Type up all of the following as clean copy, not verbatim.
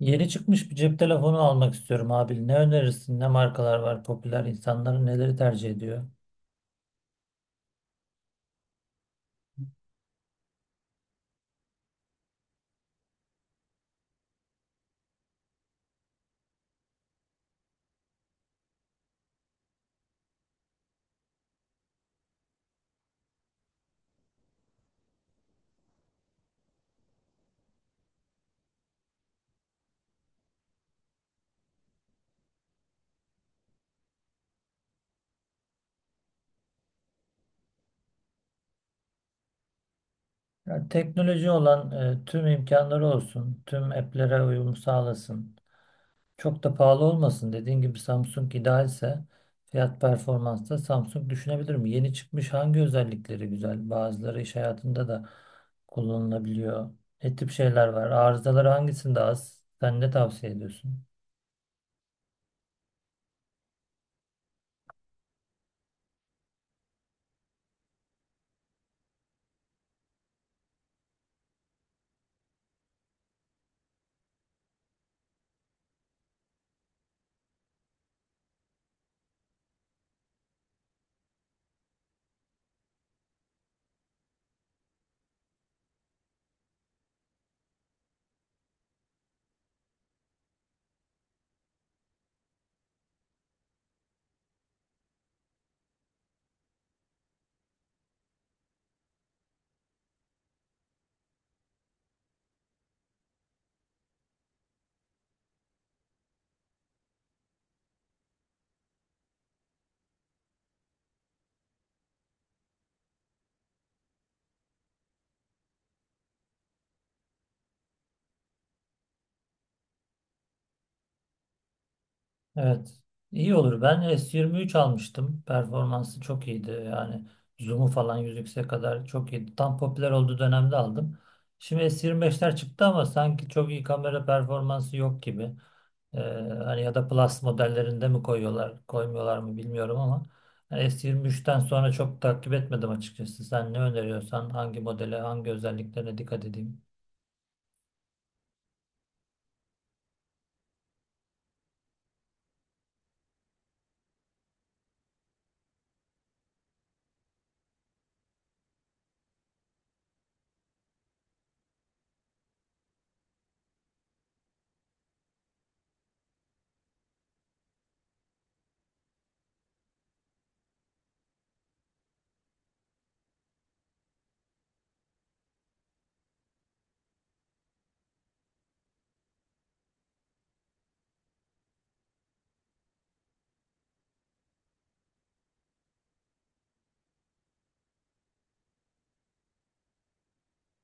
Yeni çıkmış bir cep telefonu almak istiyorum abi. Ne önerirsin? Ne markalar var popüler? İnsanların neleri tercih ediyor? Yani teknoloji olan tüm imkanları olsun. Tüm app'lere uyum sağlasın. Çok da pahalı olmasın. Dediğin gibi Samsung idealse fiyat performansta Samsung düşünebilirim. Yeni çıkmış hangi özellikleri güzel? Bazıları iş hayatında da kullanılabiliyor. Ne tip şeyler var? Arızaları hangisinde az? Sen ne tavsiye ediyorsun? Evet. İyi olur. Ben S23 almıştım. Performansı çok iyiydi. Yani zoom'u falan 100x'e kadar çok iyiydi. Tam popüler olduğu dönemde aldım. Şimdi S25'ler çıktı ama sanki çok iyi kamera performansı yok gibi. Ee, hani ya da Plus modellerinde mi koyuyorlar, koymuyorlar mı bilmiyorum ama yani S23'ten sonra çok takip etmedim açıkçası. Sen ne öneriyorsan hangi modele, hangi özelliklerine dikkat edeyim?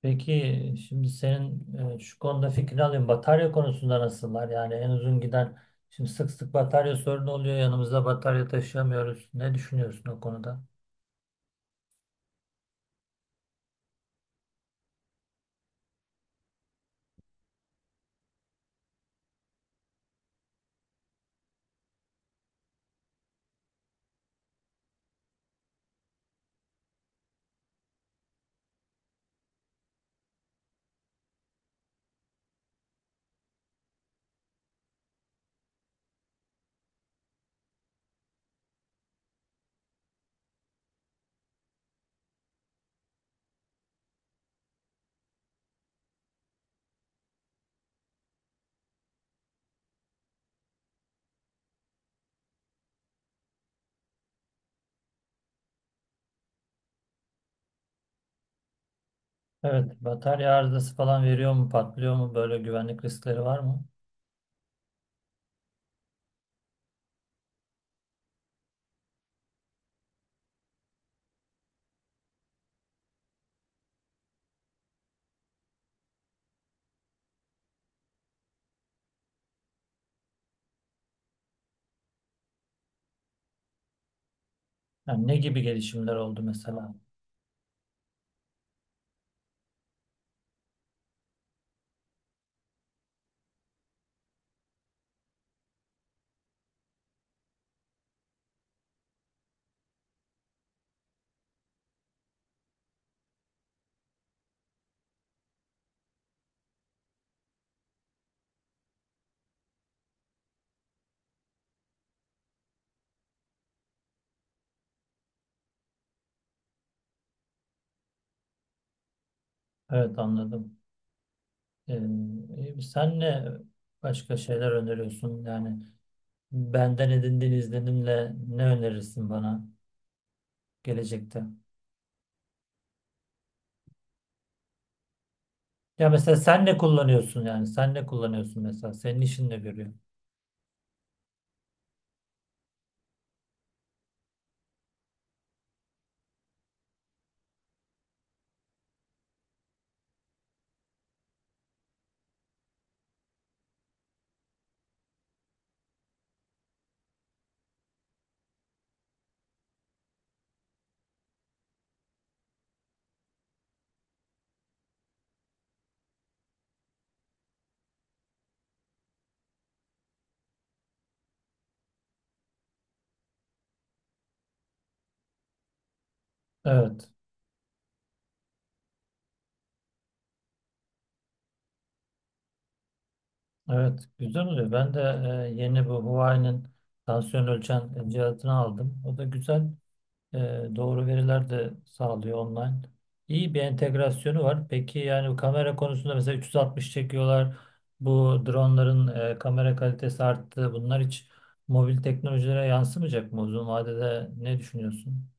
Peki şimdi senin şu konuda fikrini alayım. Batarya konusunda nasıllar? Yani en uzun giden şimdi sık sık batarya sorunu oluyor. Yanımızda batarya taşıyamıyoruz. Ne düşünüyorsun o konuda? Evet, batarya arızası falan veriyor mu, patlıyor mu? Böyle güvenlik riskleri var mı? Yani ne gibi gelişimler oldu mesela? Evet, anladım. Ee, sen ne başka şeyler öneriyorsun? Yani benden edindiğin izlenimle ne önerirsin bana gelecekte? Ya mesela sen ne kullanıyorsun yani? Sen ne kullanıyorsun mesela? Senin işin ne görüyor? Evet. Evet. Güzel oluyor. Ben de yeni bu Huawei'nin tansiyon ölçen cihazını aldım. O da güzel. E, doğru veriler de sağlıyor online. İyi bir entegrasyonu var. Peki yani bu kamera konusunda mesela 360 çekiyorlar. Bu dronların kamera kalitesi arttı. Bunlar hiç mobil teknolojilere yansımayacak mı uzun vadede? Ne düşünüyorsun?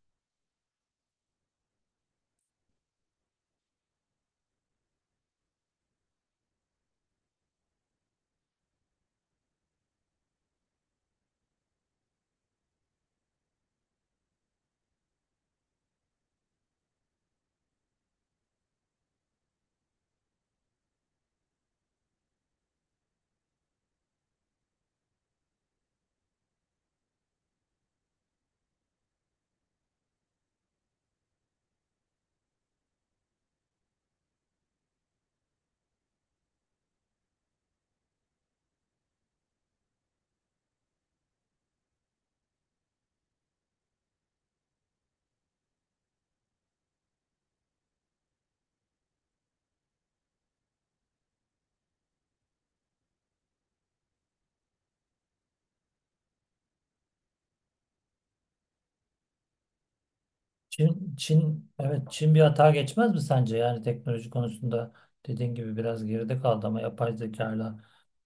Çin, Çin, evet, Çin bir hata geçmez mi sence? Yani teknoloji konusunda dediğin gibi biraz geride kaldı ama yapay zekayla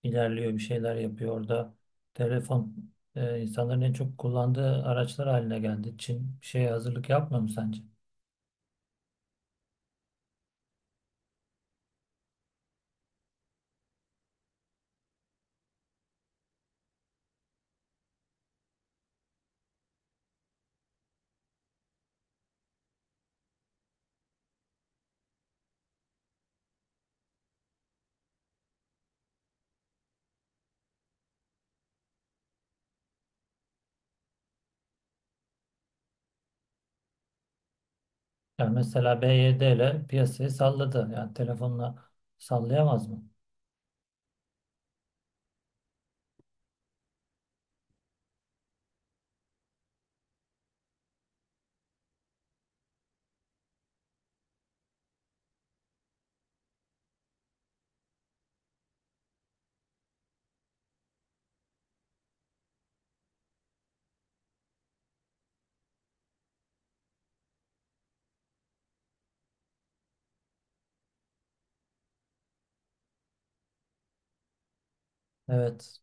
ilerliyor, bir şeyler yapıyor orada. Telefon insanların en çok kullandığı araçlar haline geldi. Çin bir şeye hazırlık yapmıyor mu sence? Yani mesela B Y D ile piyasayı salladı. Yani telefonla sallayamaz mı? Evet.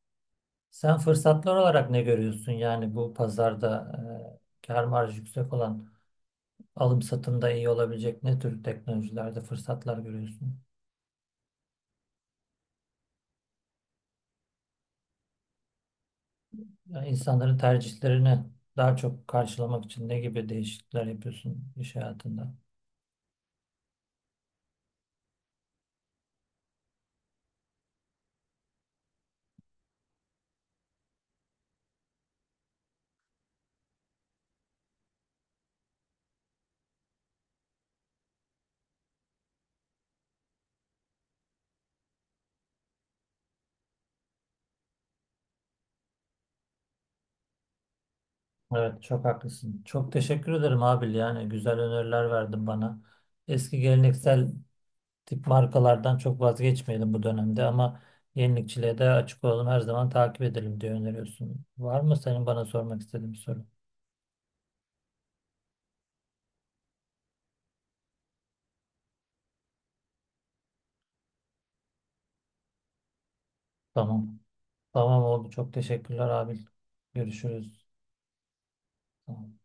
Sen fırsatlar olarak ne görüyorsun? Yani bu pazarda kar marjı yüksek olan alım satımda iyi olabilecek ne tür teknolojilerde fırsatlar görüyorsun? Yani insanların tercihlerini daha çok karşılamak için ne gibi değişiklikler yapıyorsun iş hayatında? Evet, çok haklısın. Çok teşekkür ederim Abil. Yani güzel öneriler verdin bana. Eski geleneksel tip markalardan çok vazgeçmeyelim bu dönemde ama yenilikçiliğe de açık olalım. Her zaman takip edelim diye öneriyorsun. Var mı senin bana sormak istediğin bir soru? Tamam. Tamam, oldu. Çok teşekkürler Abil. Görüşürüz. Tamam.